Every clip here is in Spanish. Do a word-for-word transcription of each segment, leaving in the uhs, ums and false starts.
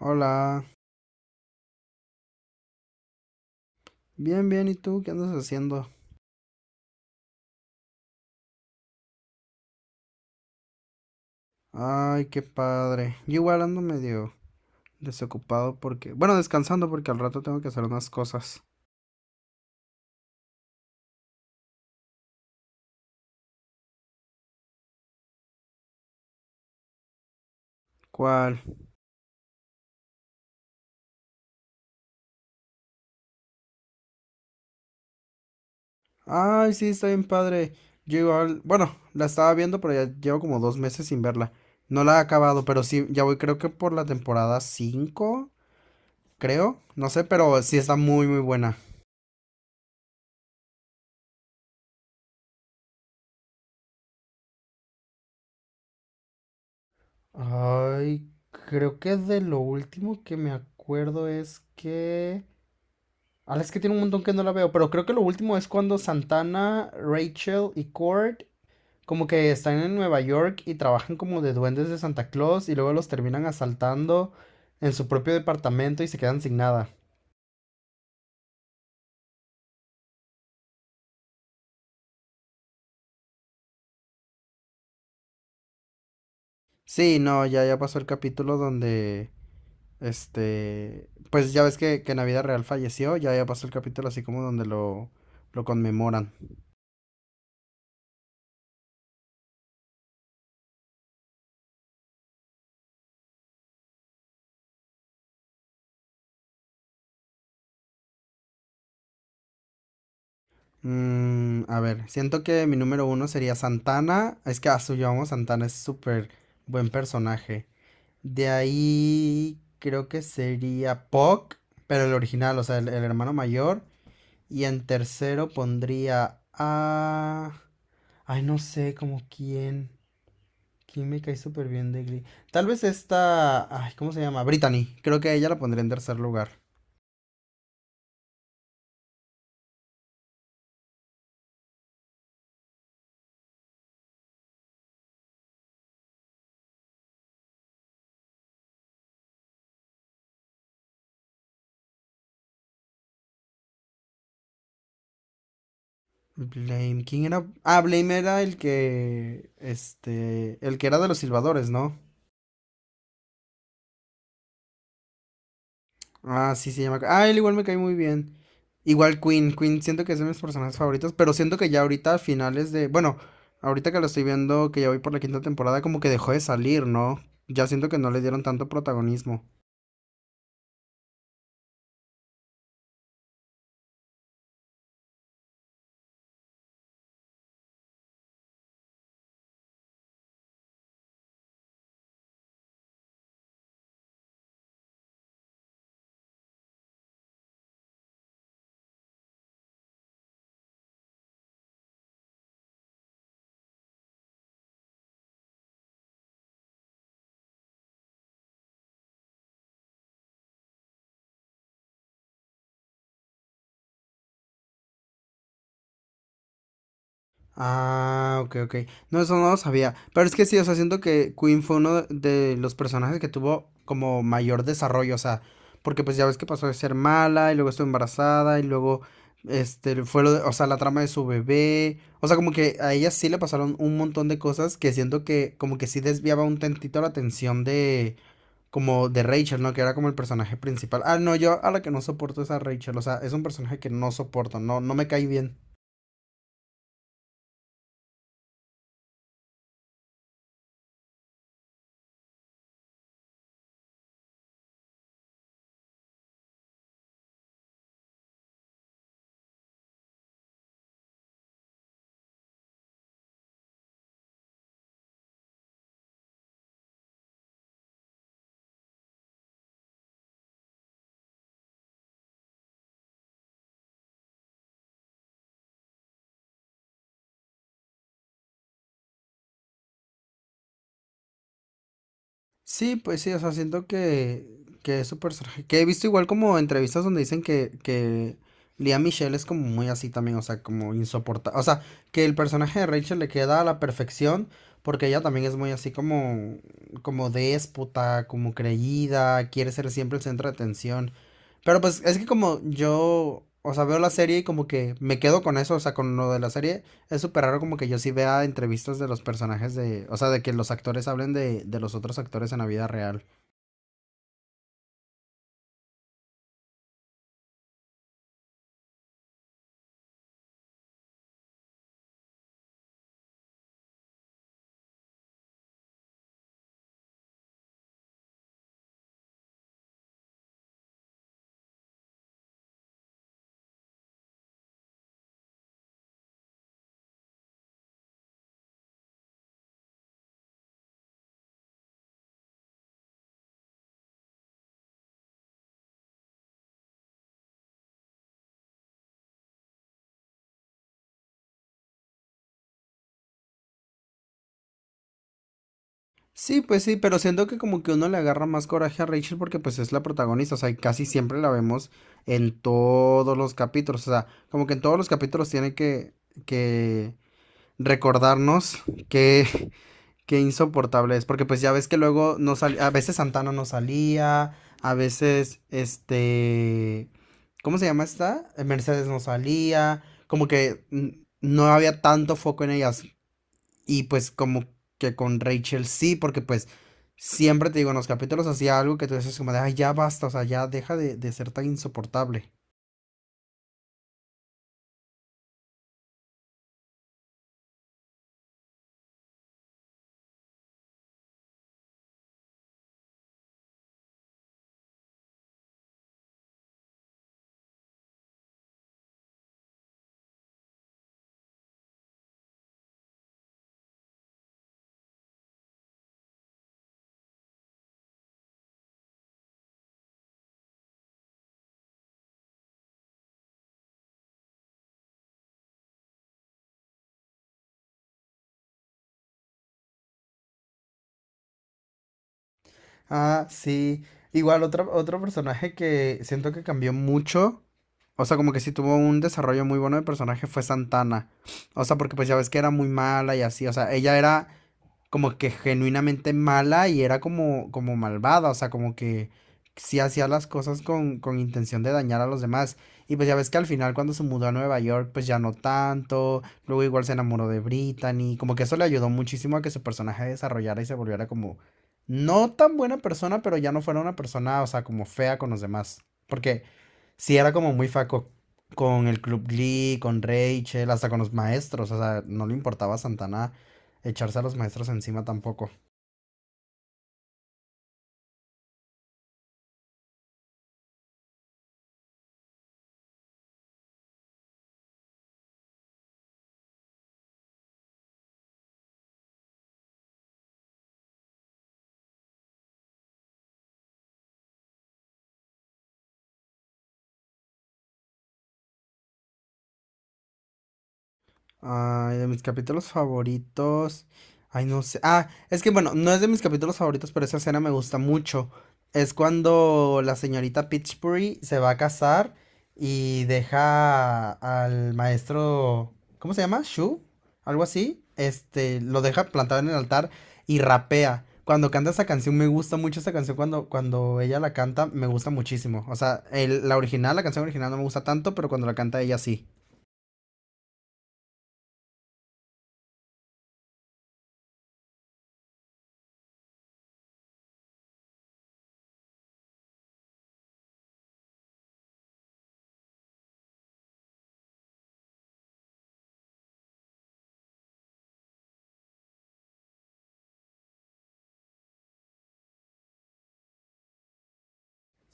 Hola, bien, bien, ¿y tú qué andas haciendo? Ay, qué padre. Yo igual ando medio desocupado porque, bueno, descansando porque al rato tengo que hacer unas cosas. ¿Cuál? Ay, sí, está bien padre. Yo igual, bueno, la estaba viendo, pero ya llevo como dos meses sin verla. No la he acabado, pero sí, ya voy, creo que por la temporada cinco, creo, no sé, pero sí está muy, muy buena. Ay, creo que de lo último que me acuerdo es que... Ah, es que tiene un montón que no la veo, pero creo que lo último es cuando Santana, Rachel y Cord como que están en Nueva York y trabajan como de duendes de Santa Claus y luego los terminan asaltando en su propio departamento y se quedan sin nada. Sí, no, ya, ya pasó el capítulo donde, este, pues ya ves que, que Navidad Real falleció, ya, ya pasó el capítulo así como donde lo, lo conmemoran. Mm, a ver, siento que mi número uno sería Santana, es que a su Santana es súper buen personaje. De ahí creo que sería Puck, pero el original, o sea, el, el hermano mayor. Y en tercero pondría a... Ay, no sé, como quién. ¿Quién me cae súper bien de Glee? Tal vez esta... Ay, ¿cómo se llama? Brittany. Creo que a ella la pondría en tercer lugar. Blame. ¿Quién era? Ah, Blame era el que... Este... El que era de los silbadores, ¿no? Ah, sí, se llama. Ah, él igual me cae muy bien. Igual Queen. Queen siento que es de mis personajes favoritos, pero siento que ya ahorita a finales de... Bueno, ahorita que lo estoy viendo, que ya voy por la quinta temporada, como que dejó de salir, ¿no? Ya siento que no le dieron tanto protagonismo. Ah, ok, ok. No, eso no lo sabía. Pero es que sí, o sea, siento que Queen fue uno de los personajes que tuvo como mayor desarrollo, o sea, porque pues ya ves que pasó de ser mala y luego estuvo embarazada y luego, este, fue lo de- o sea, la trama de su bebé. O sea, como que a ella sí le pasaron un montón de cosas que siento que como que sí desviaba un tantito la atención de, como de Rachel, ¿no? Que era como el personaje principal. Ah, no, yo a la que no soporto es a Rachel, o sea, es un personaje que no soporto, no, no me cae bien. Sí, pues sí, o sea, siento que, que es su personaje. Que he visto igual como entrevistas donde dicen que, que Lea Michelle es como muy así también, o sea, como insoportable. O sea, que el personaje de Rachel le queda a la perfección porque ella también es muy así como, como déspota, como creída, quiere ser siempre el centro de atención. Pero pues es que como yo, o sea, veo la serie y como que me quedo con eso, o sea, con lo de la serie, es súper raro como que yo sí vea entrevistas de los personajes de, o sea, de que los actores hablen de, de los otros actores en la vida real. Sí, pues sí, pero siento que como que uno le agarra más coraje a Rachel porque pues es la protagonista, o sea, y casi siempre la vemos en todos los capítulos, o sea, como que en todos los capítulos tiene que, que recordarnos que, qué insoportable es, porque pues ya ves que luego no salía, a veces Santana no salía, a veces este, ¿cómo se llama esta? Eh, Mercedes no salía, como que mm, no había tanto foco en ellas y pues como que con Rachel sí, porque pues siempre te digo, en los capítulos hacía algo que tú dices como de, ay, ya basta, o sea, ya deja de, de ser tan insoportable. Ah, sí. Igual otro, otro personaje que siento que cambió mucho. O sea, como que sí tuvo un desarrollo muy bueno de personaje fue Santana. O sea, porque pues ya ves que era muy mala y así. O sea, ella era como que genuinamente mala y era como, como malvada, o sea, como que sí hacía las cosas con, con intención de dañar a los demás. Y pues ya ves que al final cuando se mudó a Nueva York, pues ya no tanto, luego igual se enamoró de Brittany, como que eso le ayudó muchísimo a que su personaje desarrollara y se volviera como no tan buena persona, pero ya no fuera una persona, o sea, como fea con los demás. Porque sí era como muy faco con el Club Glee, con Rachel, hasta con los maestros, o sea, no le importaba a Santana echarse a los maestros encima tampoco. Ay, de mis capítulos favoritos. Ay, no sé. Ah, es que bueno, no es de mis capítulos favoritos, pero esa escena me gusta mucho. Es cuando la señorita Pitchbury se va a casar y deja al maestro. ¿Cómo se llama? ¿Shu? Algo así. Este, lo deja plantado en el altar y rapea. Cuando canta esa canción, me gusta mucho esa canción. Cuando, cuando ella la canta, me gusta muchísimo. O sea, el- la original, la canción original no me gusta tanto, pero cuando la canta ella sí.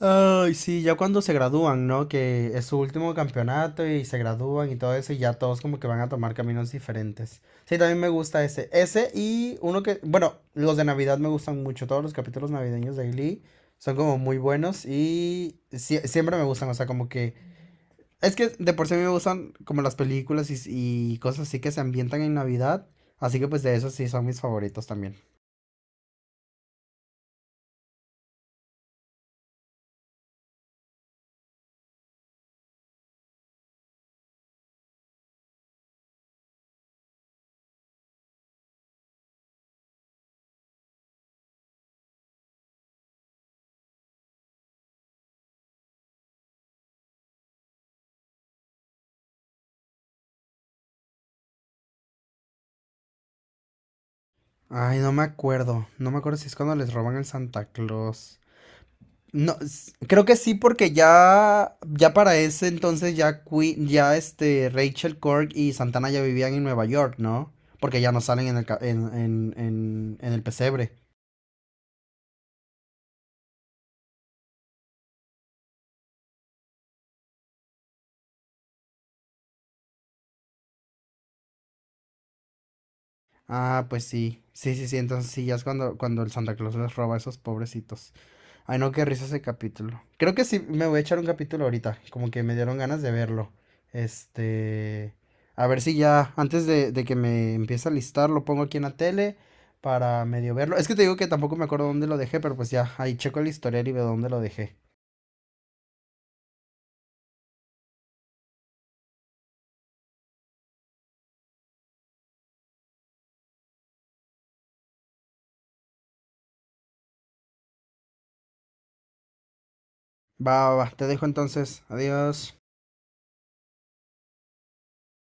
Ay, sí, ya cuando se gradúan, ¿no? Que es su último campeonato y se gradúan y todo eso, y ya todos como que van a tomar caminos diferentes. Sí, también me gusta ese. Ese y uno que, bueno, los de Navidad me gustan mucho, todos los capítulos navideños de Glee son como muy buenos y sie- siempre me gustan, o sea, como que... Es que de por sí a mí me gustan como las películas y, y cosas así que se ambientan en Navidad, así que pues de esos sí son mis favoritos también. Ay, no me acuerdo, no me acuerdo si es cuando les roban el Santa Claus. No, s- creo que sí, porque ya, ya para ese entonces ya Queen, ya este Rachel Cork y Santana ya vivían en Nueva York, ¿no? Porque ya no salen en el, ca- en, en, en, en el pesebre. Ah, pues sí. Sí, sí, sí. Entonces sí, ya es cuando, cuando el Santa Claus les roba a esos pobrecitos. Ay, no, qué risa ese capítulo. Creo que sí, me voy a echar un capítulo ahorita, como que me dieron ganas de verlo. Este, a ver si ya, antes de, de que me empiece a listar, lo pongo aquí en la tele para medio verlo. Es que te digo que tampoco me acuerdo dónde lo dejé, pero pues ya, ahí checo el historial y veo dónde lo dejé. Va, va, va, te dejo entonces. Adiós.